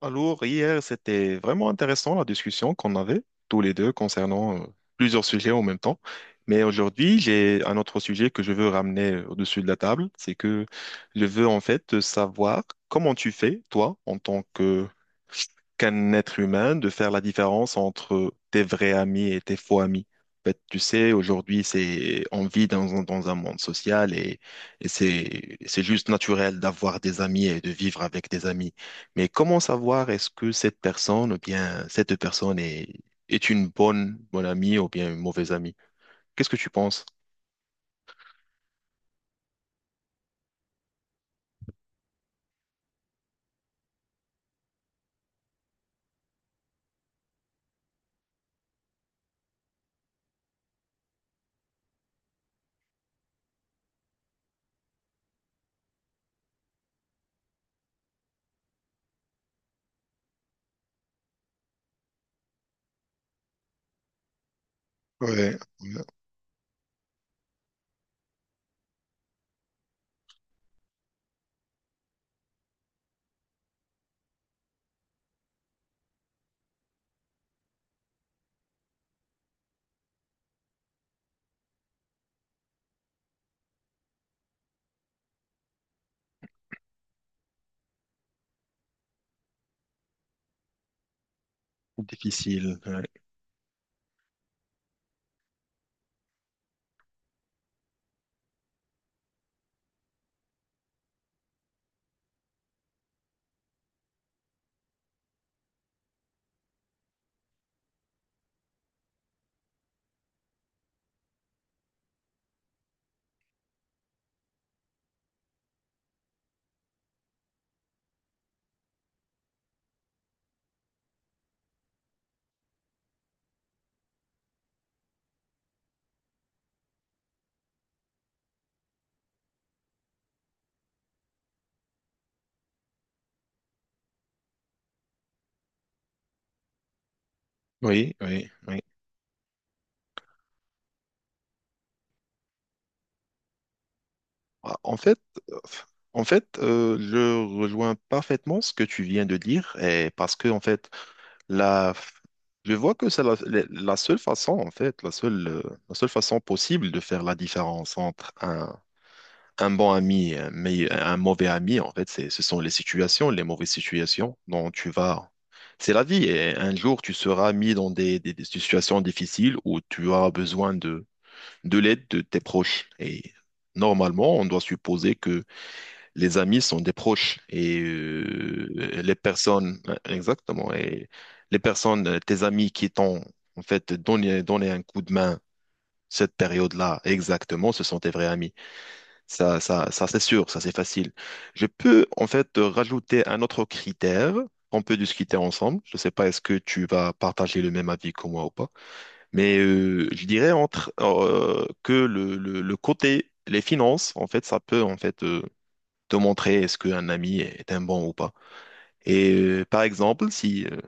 Alors, hier, c'était vraiment intéressant la discussion qu'on avait tous les deux concernant plusieurs sujets en même temps. Mais aujourd'hui, j'ai un autre sujet que je veux ramener au-dessus de la table. C'est que je veux en fait savoir comment tu fais, toi, en tant que qu'un être humain de faire la différence entre tes vrais amis et tes faux amis. En fait, tu sais, aujourd'hui, c'est, on vit dans, dans un monde social et c'est juste naturel d'avoir des amis et de vivre avec des amis. Mais comment savoir est-ce que cette personne, ou bien, cette personne est, est une bonne, bonne amie ou bien une mauvaise amie? Qu'est-ce que tu penses? Ouais, ouais. Difficile. Ouais. Oui, oui, oui. Ah, en fait, euh, en fait, je rejoins parfaitement ce que tu viens de dire, et parce que en fait, la, je vois que c'est la, la seule façon, en fait, la seule façon possible de faire la différence entre un bon ami et un, un mauvais ami, en fait, c'est, ce sont les situations, les mauvaises situations dont tu vas. C'est la vie, et un jour, tu seras mis dans des, des situations difficiles où tu auras besoin de l'aide de tes proches. Et normalement, on doit supposer que les amis sont des proches et les personnes, exactement, et les personnes, tes amis qui t'ont en fait donné, donné un coup de main cette période-là, exactement, ce sont tes vrais amis. Ça c'est sûr, ça c'est facile. Je peux en fait rajouter un autre critère qu'on peut discuter ensemble. Je ne sais pas, est-ce que tu vas partager le même avis que moi ou pas. Mais je dirais entre que le côté, les finances, en fait, ça peut en fait te montrer est-ce qu'un ami est un bon ou pas. Et par exemple, si,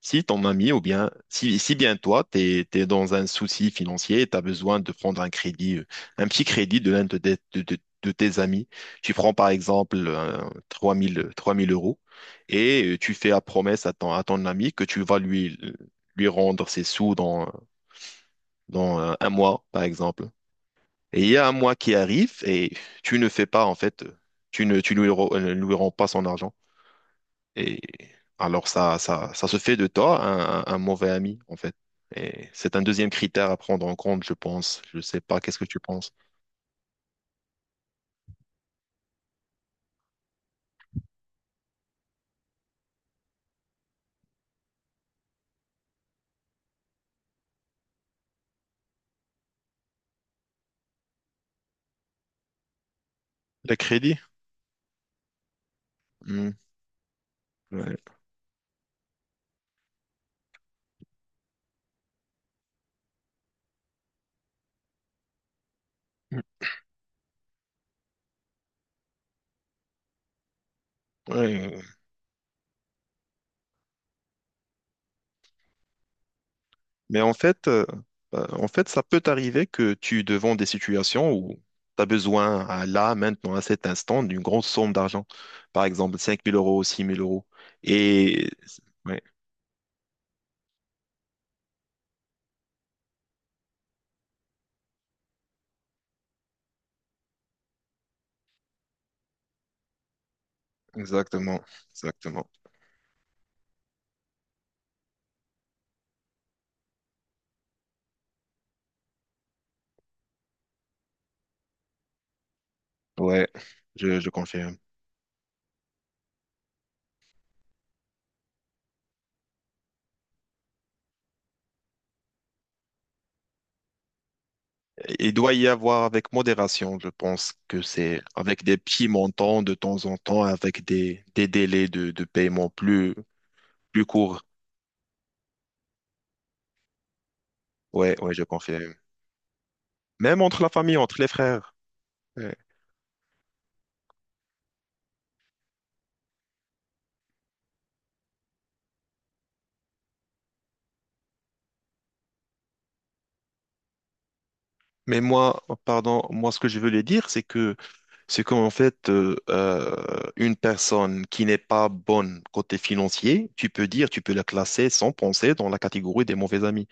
si ton ami ou bien si, si bien toi, t'es, t'es dans un souci financier et tu besoin de prendre un crédit, un petit crédit de l'un de, de, de tes amis, tu prends par exemple trois mille euros et tu fais la promesse à ton ami que tu vas lui, lui rendre ses sous dans, dans un mois, par exemple. Et il y a un mois qui arrive et tu ne fais pas, en fait, tu ne, tu lui, lui rends pas son argent. Et alors, ça se fait de toi un, un mauvais ami, en fait. Et c'est un deuxième critère à prendre en compte, je pense. Je sais pas, qu'est-ce que tu penses? Le crédit? Hmm. Ouais. Mmh. Ouais, mais en fait, ça peut t'arriver que tu es devant des situations où tu as besoin, à là, maintenant, à cet instant, d'une grosse somme d'argent. Par exemple, cinq mille euros, six mille euros. Et... Ouais, exactement, exactement. Ouais, je confirme. Et il doit y avoir avec modération, je pense que c'est avec des petits montants de temps en temps, avec des délais de paiement plus, plus courts. Ouais, ouais, je confirme. Même entre la famille, entre les frères. Ouais. Mais moi, pardon, moi, ce que je voulais dire, c'est que c'est qu'en fait, une personne qui n'est pas bonne côté financier, tu peux dire, tu peux la classer sans penser dans la catégorie des mauvais amis.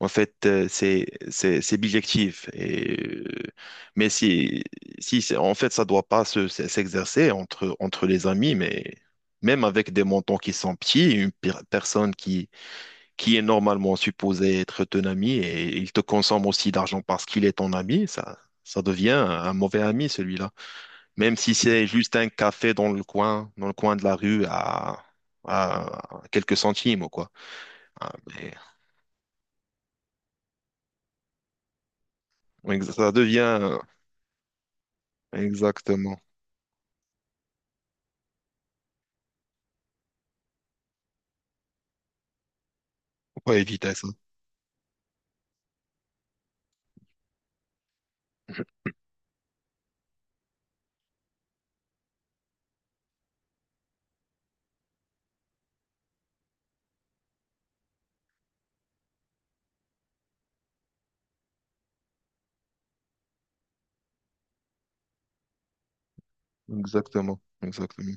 En fait, c'est bijectif. Et euh, mais si si en fait, ça doit pas s'exercer entre entre les amis, mais même avec des montants qui sont petits, une personne qui est normalement supposé être ton ami et il te consomme aussi d'argent parce qu'il est ton ami, ça devient un mauvais ami, celui-là. Même si c'est juste un café dans le coin de la rue à quelques centimes ou quoi. Ah, mais ça devient exactement. Faut pas éviter ça. Exactement, exactement,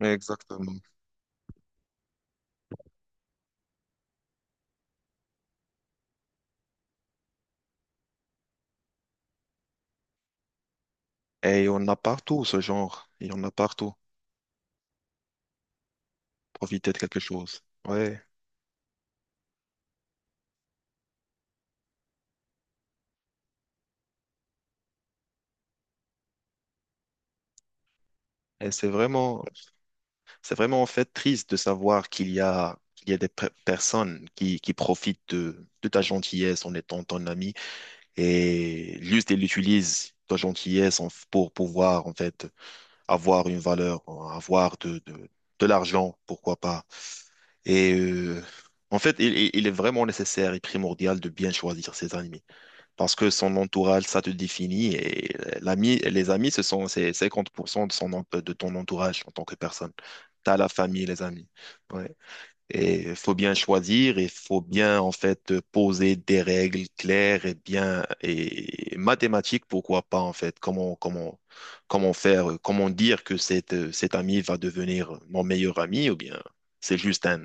exactement. Et on a partout ce genre. Il y en a partout. Profiter de quelque chose. Ouais. Et c'est vraiment c'est vraiment en fait triste de savoir qu'il y a des personnes qui profitent de ta gentillesse en étant ton ami et juste ils utilisent ta gentillesse pour pouvoir en fait avoir une valeur, avoir de l'argent, pourquoi pas. Et en fait, il est vraiment nécessaire et primordial de bien choisir ses amis parce que son entourage, ça te définit et l'ami, les amis, ce sont c'est 50% de son, de ton entourage en tant que personne. T'as la famille, les amis. Ouais. Et faut bien choisir, il faut bien en fait poser des règles claires et bien et mathématiques, pourquoi pas en fait. Comment comment comment faire, comment dire que cet cet ami va devenir mon meilleur ami ou bien c'est juste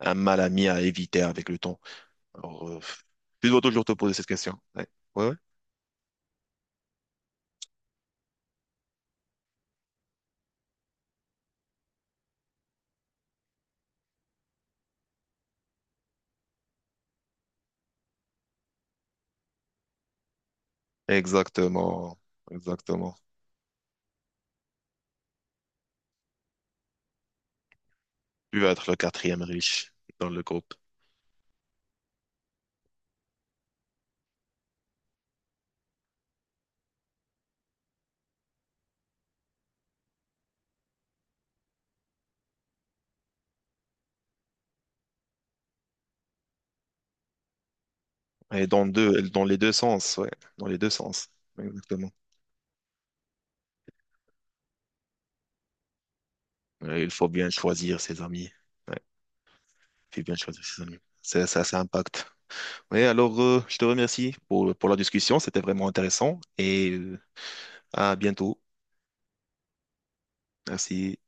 un mal ami à éviter avec le temps. Alors, tu dois toujours te poser cette question. Ouais. Ouais, exactement, exactement. Tu vas être le quatrième riche dans le groupe. Et dans deux, dans les deux sens, ouais, dans les deux sens, exactement. Ouais, il faut bien choisir ses amis. Ouais, il faut bien choisir ses amis. Ça impacte. Oui, alors je te remercie pour la discussion, c'était vraiment intéressant et à bientôt. Merci.